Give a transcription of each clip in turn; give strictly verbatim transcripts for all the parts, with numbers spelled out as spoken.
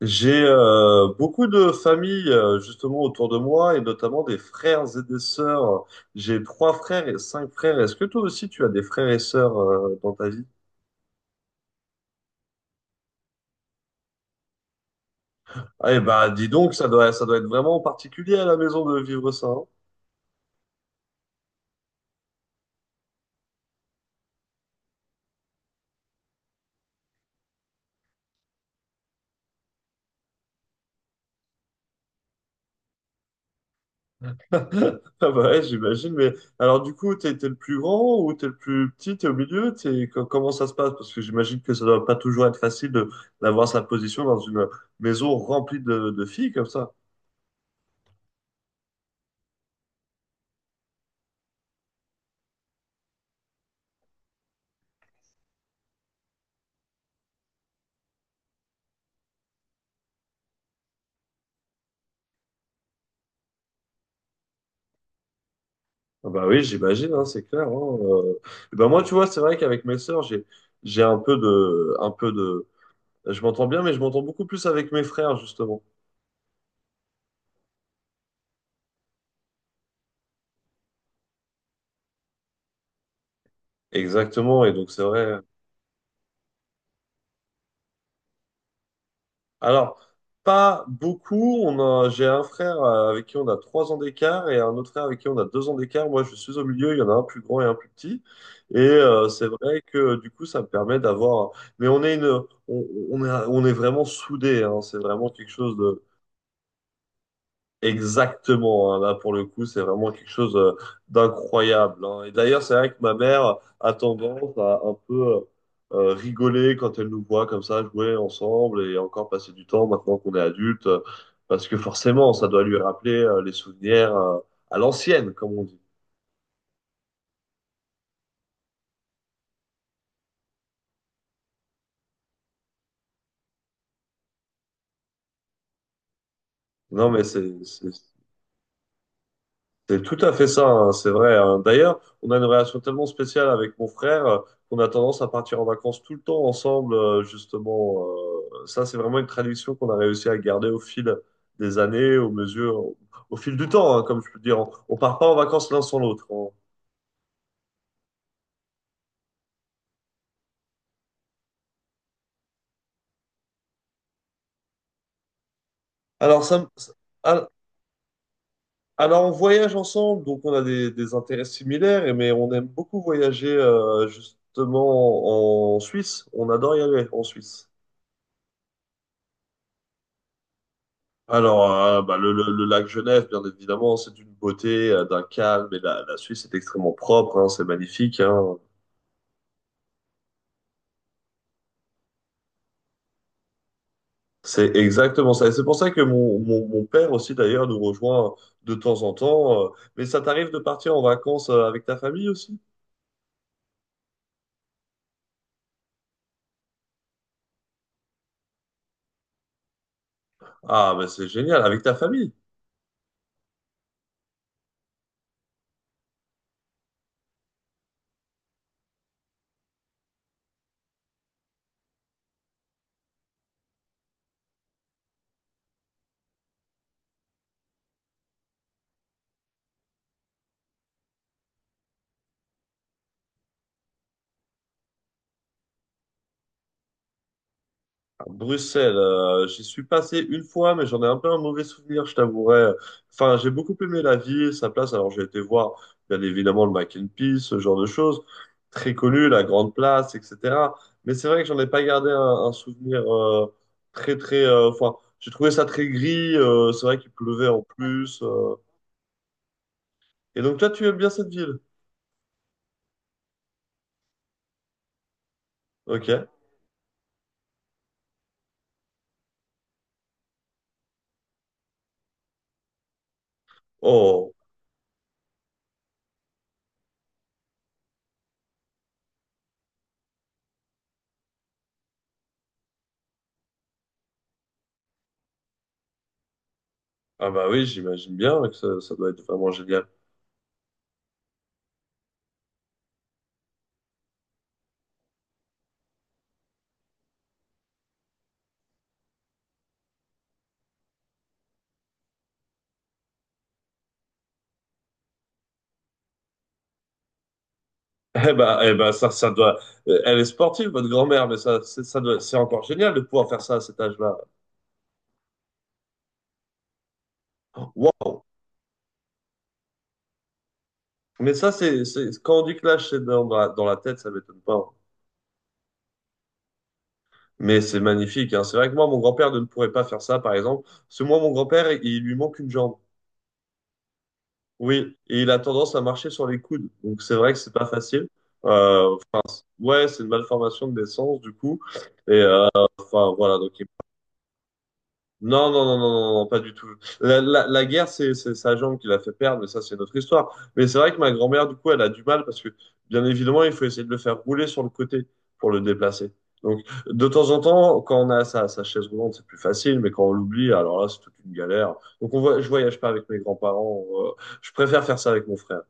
J'ai euh, beaucoup de familles euh, justement autour de moi et notamment des frères et des sœurs. J'ai trois frères et cinq frères. Est-ce que toi aussi tu as des frères et sœurs euh, dans ta vie? Ah, eh ben, dis donc, ça doit, ça doit être vraiment particulier à la maison de vivre ça, hein. Ah bah ouais, j'imagine. Mais alors du coup, t'es, t'es le plus grand ou t'es le plus petit? T'es au milieu? T'es, co- comment ça se passe? Parce que j'imagine que ça doit pas toujours être facile de, d'avoir sa position dans une maison remplie de, de filles comme ça. Ah bah oui, j'imagine, hein, c'est clair, hein. euh. Et ben moi, tu vois, c'est vrai qu'avec mes sœurs, j'ai j'ai un peu de un peu de je m'entends bien, mais je m'entends beaucoup plus avec mes frères, justement. Exactement, et donc c'est vrai. Alors, pas beaucoup. On a j'ai un frère euh, avec qui on a trois ans d'écart et un autre frère avec qui on a deux ans d'écart. Moi, je suis au milieu. Il y en a un plus grand et un plus petit. Et euh, c'est vrai que du coup, ça me permet d'avoir. Mais on est une on, on est on est vraiment soudés, hein. C'est vraiment quelque chose. Exactement, hein. Là pour le coup, c'est vraiment quelque chose euh, d'incroyable, hein. Et d'ailleurs, c'est vrai que ma mère a tendance à un peu euh, euh, rigoler quand elle nous voit comme ça jouer ensemble et encore passer du temps maintenant qu'on est adulte, euh, parce que forcément, ça doit lui rappeler euh, les souvenirs euh, à l'ancienne, comme on dit. Non, mais c'est c'est- c'est tout à fait ça, hein, c'est vrai, hein. D'ailleurs, on a une relation tellement spéciale avec mon frère euh, qu'on a tendance à partir en vacances tout le temps ensemble, euh, justement. Euh, ça, c'est vraiment une tradition qu'on a réussi à garder au fil des années, aux mesures, au, au fil du temps, hein, comme je peux dire. On, on part pas en vacances l'un sans l'autre. on- Alors, ça, me- ça- al- Alors, on voyage ensemble, donc on a des, des intérêts similaires, et mais on aime beaucoup voyager, euh, justement, en Suisse. On adore y aller en Suisse. Alors, euh, bah, le, le- le lac Genève, bien évidemment, c'est d'une beauté, euh, d'un calme, et la, la Suisse est extrêmement propre, hein, c'est magnifique, hein. C'est exactement ça. Et c'est pour ça que mon, mon, mon père aussi, d'ailleurs, nous rejoint de temps en temps. euh. Mais ça t'arrive de partir en vacances euh, avec ta famille aussi? Ah, mais c'est génial, avec ta famille. Bruxelles, euh, j'y suis passé une fois, mais j'en ai un peu un mauvais souvenir, je t'avouerai. Enfin, j'ai beaucoup aimé la ville, sa place. Alors, j'ai été voir, bien évidemment, le Mac and Peace, ce genre de choses. Très connu, la Grande Place, et cetera. Mais c'est vrai que j'en ai pas gardé un, un souvenir euh, très, très... euh, Enfin, j'ai trouvé ça très gris. Euh, c'est vrai qu'il pleuvait en plus. euh. Et donc, toi, tu aimes bien cette ville? Ok. Oh, ah bah oui, j'imagine bien que ça, ça doit être vraiment génial. Eh ben, eh ben, ça, ça doit. Euh, Elle est sportive, votre grand-mère, mais ça, c'est, ça doit... c'est encore génial de pouvoir faire ça à cet âge-là. Waouh! Mais ça, c'est, c'est... quand on dit que l'âge, c'est dans, dans la- dans la tête, ça m'étonne pas, hein. Mais c'est magnifique, hein. C'est vrai que moi, mon grand-père ne pourrait pas faire ça, par exemple. Parce que moi, mon grand-père, il il lui manque une jambe. Oui, et il a tendance à marcher sur les coudes. Donc, c'est vrai que c'est pas facile. Euh, Ouais, c'est une malformation de naissance, du coup. Et euh, enfin, voilà. Donc, non, non, non, non, non, non, pas du tout. La, la, la guerre, c'est c'est sa jambe qui l'a fait perdre, mais ça, c'est notre histoire. Mais c'est vrai que ma grand-mère, du coup, elle a du mal parce que, bien évidemment, il faut essayer de le faire rouler sur le côté pour le déplacer. Donc, de temps en temps, quand on a sa, sa chaise roulante, c'est plus facile, mais quand on l'oublie, alors là, c'est toute une galère. Donc, on voit, je voyage pas avec mes grands-parents. Euh, je préfère faire ça avec mon frère.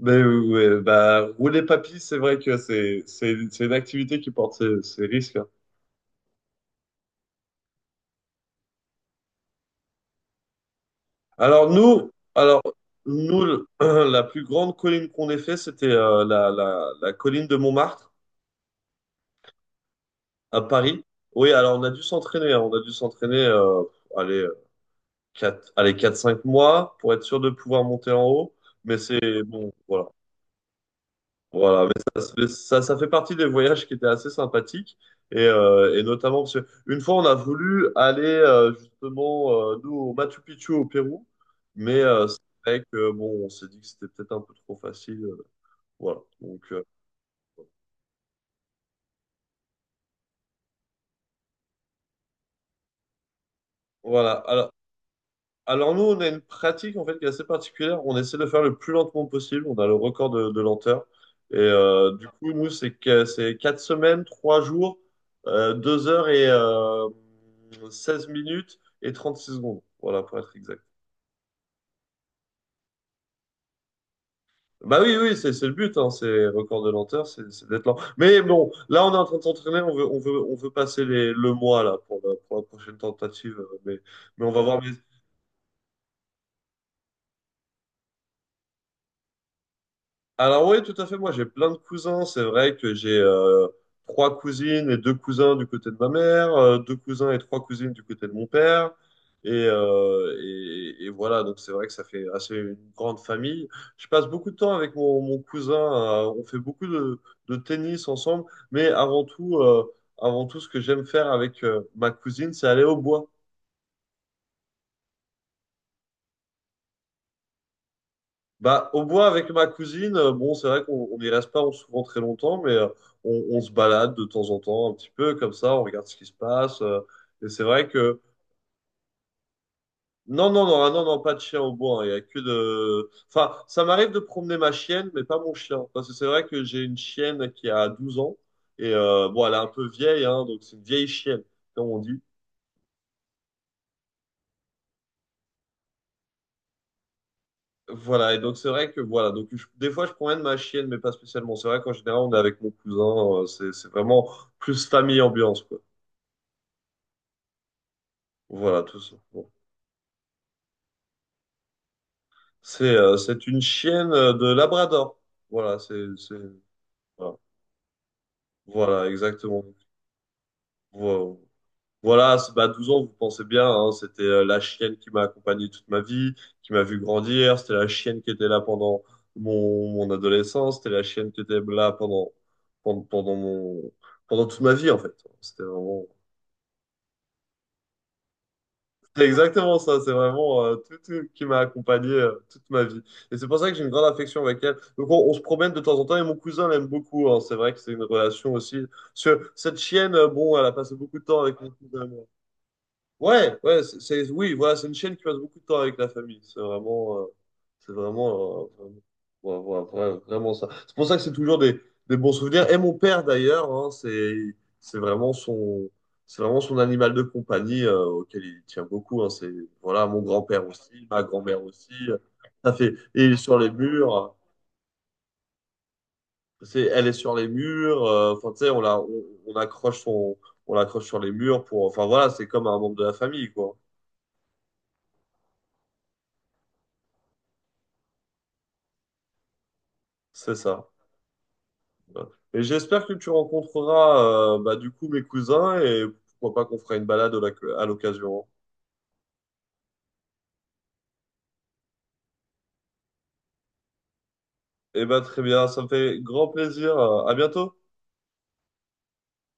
Mais euh, ouais, bah, rouler papy, c'est vrai que c'est c'est c'est une activité qui porte ses, ses risques, hein. Alors nous, alors nous, le- la plus grande colline qu'on ait fait, c'était euh, la, la, la colline de Montmartre à Paris. Oui, alors on a dû s'entraîner, hein, on a dû s'entraîner, euh, allez, euh, quatre, allez, quatre cinq mois pour être sûr de pouvoir monter en haut. Mais c'est bon, voilà. Voilà, mais ça, ça, ça fait partie des voyages qui étaient assez sympathiques. Et, euh, et notamment, parce que une fois, on a voulu aller euh, justement, euh, nous, au Machu Picchu au Pérou. Mais euh, c'est vrai que, bon, on s'est dit que c'était peut-être un peu trop facile. Euh, voilà. Donc, euh, voilà. Alors, Alors nous, on a une pratique en fait qui est assez particulière. On essaie de faire le plus lentement possible. On a le record de, de lenteur. Et euh, du coup, nous, c'est que c'est quatre semaines, trois jours, euh, deux heures et euh, seize minutes et trente-six secondes. Voilà, pour être exact. Bah oui, oui, c'est c'est le but, hein, c'est record de lenteur, c'est c'est d'être lent. Mais bon, là, on est en train de s'entraîner, on veut, on veut, on veut passer les, le mois là pour la, pour la prochaine tentative. euh, Mais, mais on va voir. Alors oui, tout à fait. Moi, j'ai plein de cousins. C'est vrai que j'ai euh, trois cousines et deux cousins du côté de ma mère, euh, deux cousins et trois cousines du côté de mon père. Et, euh, et, et voilà, donc c'est vrai que ça fait assez une grande famille. Je passe beaucoup de temps avec mon, mon cousin. Euh, on fait beaucoup de, de tennis ensemble. Mais avant tout, euh, avant tout, ce que j'aime faire avec euh, ma cousine, c'est aller au bois. Bah, au bois avec ma cousine, euh, bon, c'est vrai qu'on on n'y reste pas souvent très longtemps, mais euh, on, on se balade de temps en temps un petit peu comme ça, on regarde ce qui se passe. Euh, et c'est vrai que non, non, non, ah, non, non, pas de chien au bois, hein. Il y a que de. Enfin, ça m'arrive de promener ma chienne, mais pas mon chien, parce que c'est vrai que j'ai une chienne qui a douze ans et euh, bon, elle est un peu vieille, hein, donc c'est une vieille chienne, comme on dit. Voilà, et donc c'est vrai que voilà, donc je- des fois je promène ma chienne, mais pas spécialement. C'est vrai qu'en général on est avec mon cousin, euh, c'est c'est vraiment plus famille ambiance, quoi. Voilà, tout ça. Bon. C'est euh, c'est une chienne euh, de Labrador. Voilà, c'est c'est voilà. Voilà, exactement. Voilà. Voilà, c'est- bah douze ans, vous pensez bien, hein, c'était euh, la chienne qui m'a accompagné toute ma vie, qui m'a vu grandir, c'était la chienne qui était là pendant mon, mon adolescence, c'était la chienne qui était là pendant, pendant, pendant mon, pendant toute ma vie, en fait. C'était vraiment, c'est exactement ça, c'est vraiment euh, tout, tout qui m'a accompagné euh, toute ma vie. Et c'est pour ça que j'ai une grande affection avec elle. Donc on, on se promène de temps en temps et mon cousin l'aime beaucoup, hein. C'est vrai que c'est une relation aussi. Parce que cette chienne, euh, bon, elle a passé beaucoup de temps avec mon cousin. Ouais, ouais, c'est, c'est- oui, voilà, c'est une chaîne qui passe beaucoup de temps avec la famille. C'est vraiment, euh, c'est vraiment, euh, vraiment, ouais, ouais, ouais, vraiment ça. C'est pour ça que c'est toujours des, des bons souvenirs. Et mon père d'ailleurs, hein, c'est, c'est vraiment son, c'est vraiment son animal de compagnie euh, auquel il tient beaucoup, hein. c'est Voilà, mon grand-père aussi, ma grand-mère aussi. Ça fait, et il est sur les murs. C'est, elle est sur les murs. euh, Enfin, tu sais, on la, on, on accroche son, on l'accroche sur les murs pour. Enfin voilà, c'est comme un membre de la famille, quoi. C'est ça. Et j'espère que tu rencontreras euh, bah, du coup mes cousins et pourquoi pas qu'on fera une balade au lac- à l'occasion. Eh ben très bien, ça me fait grand plaisir. À bientôt.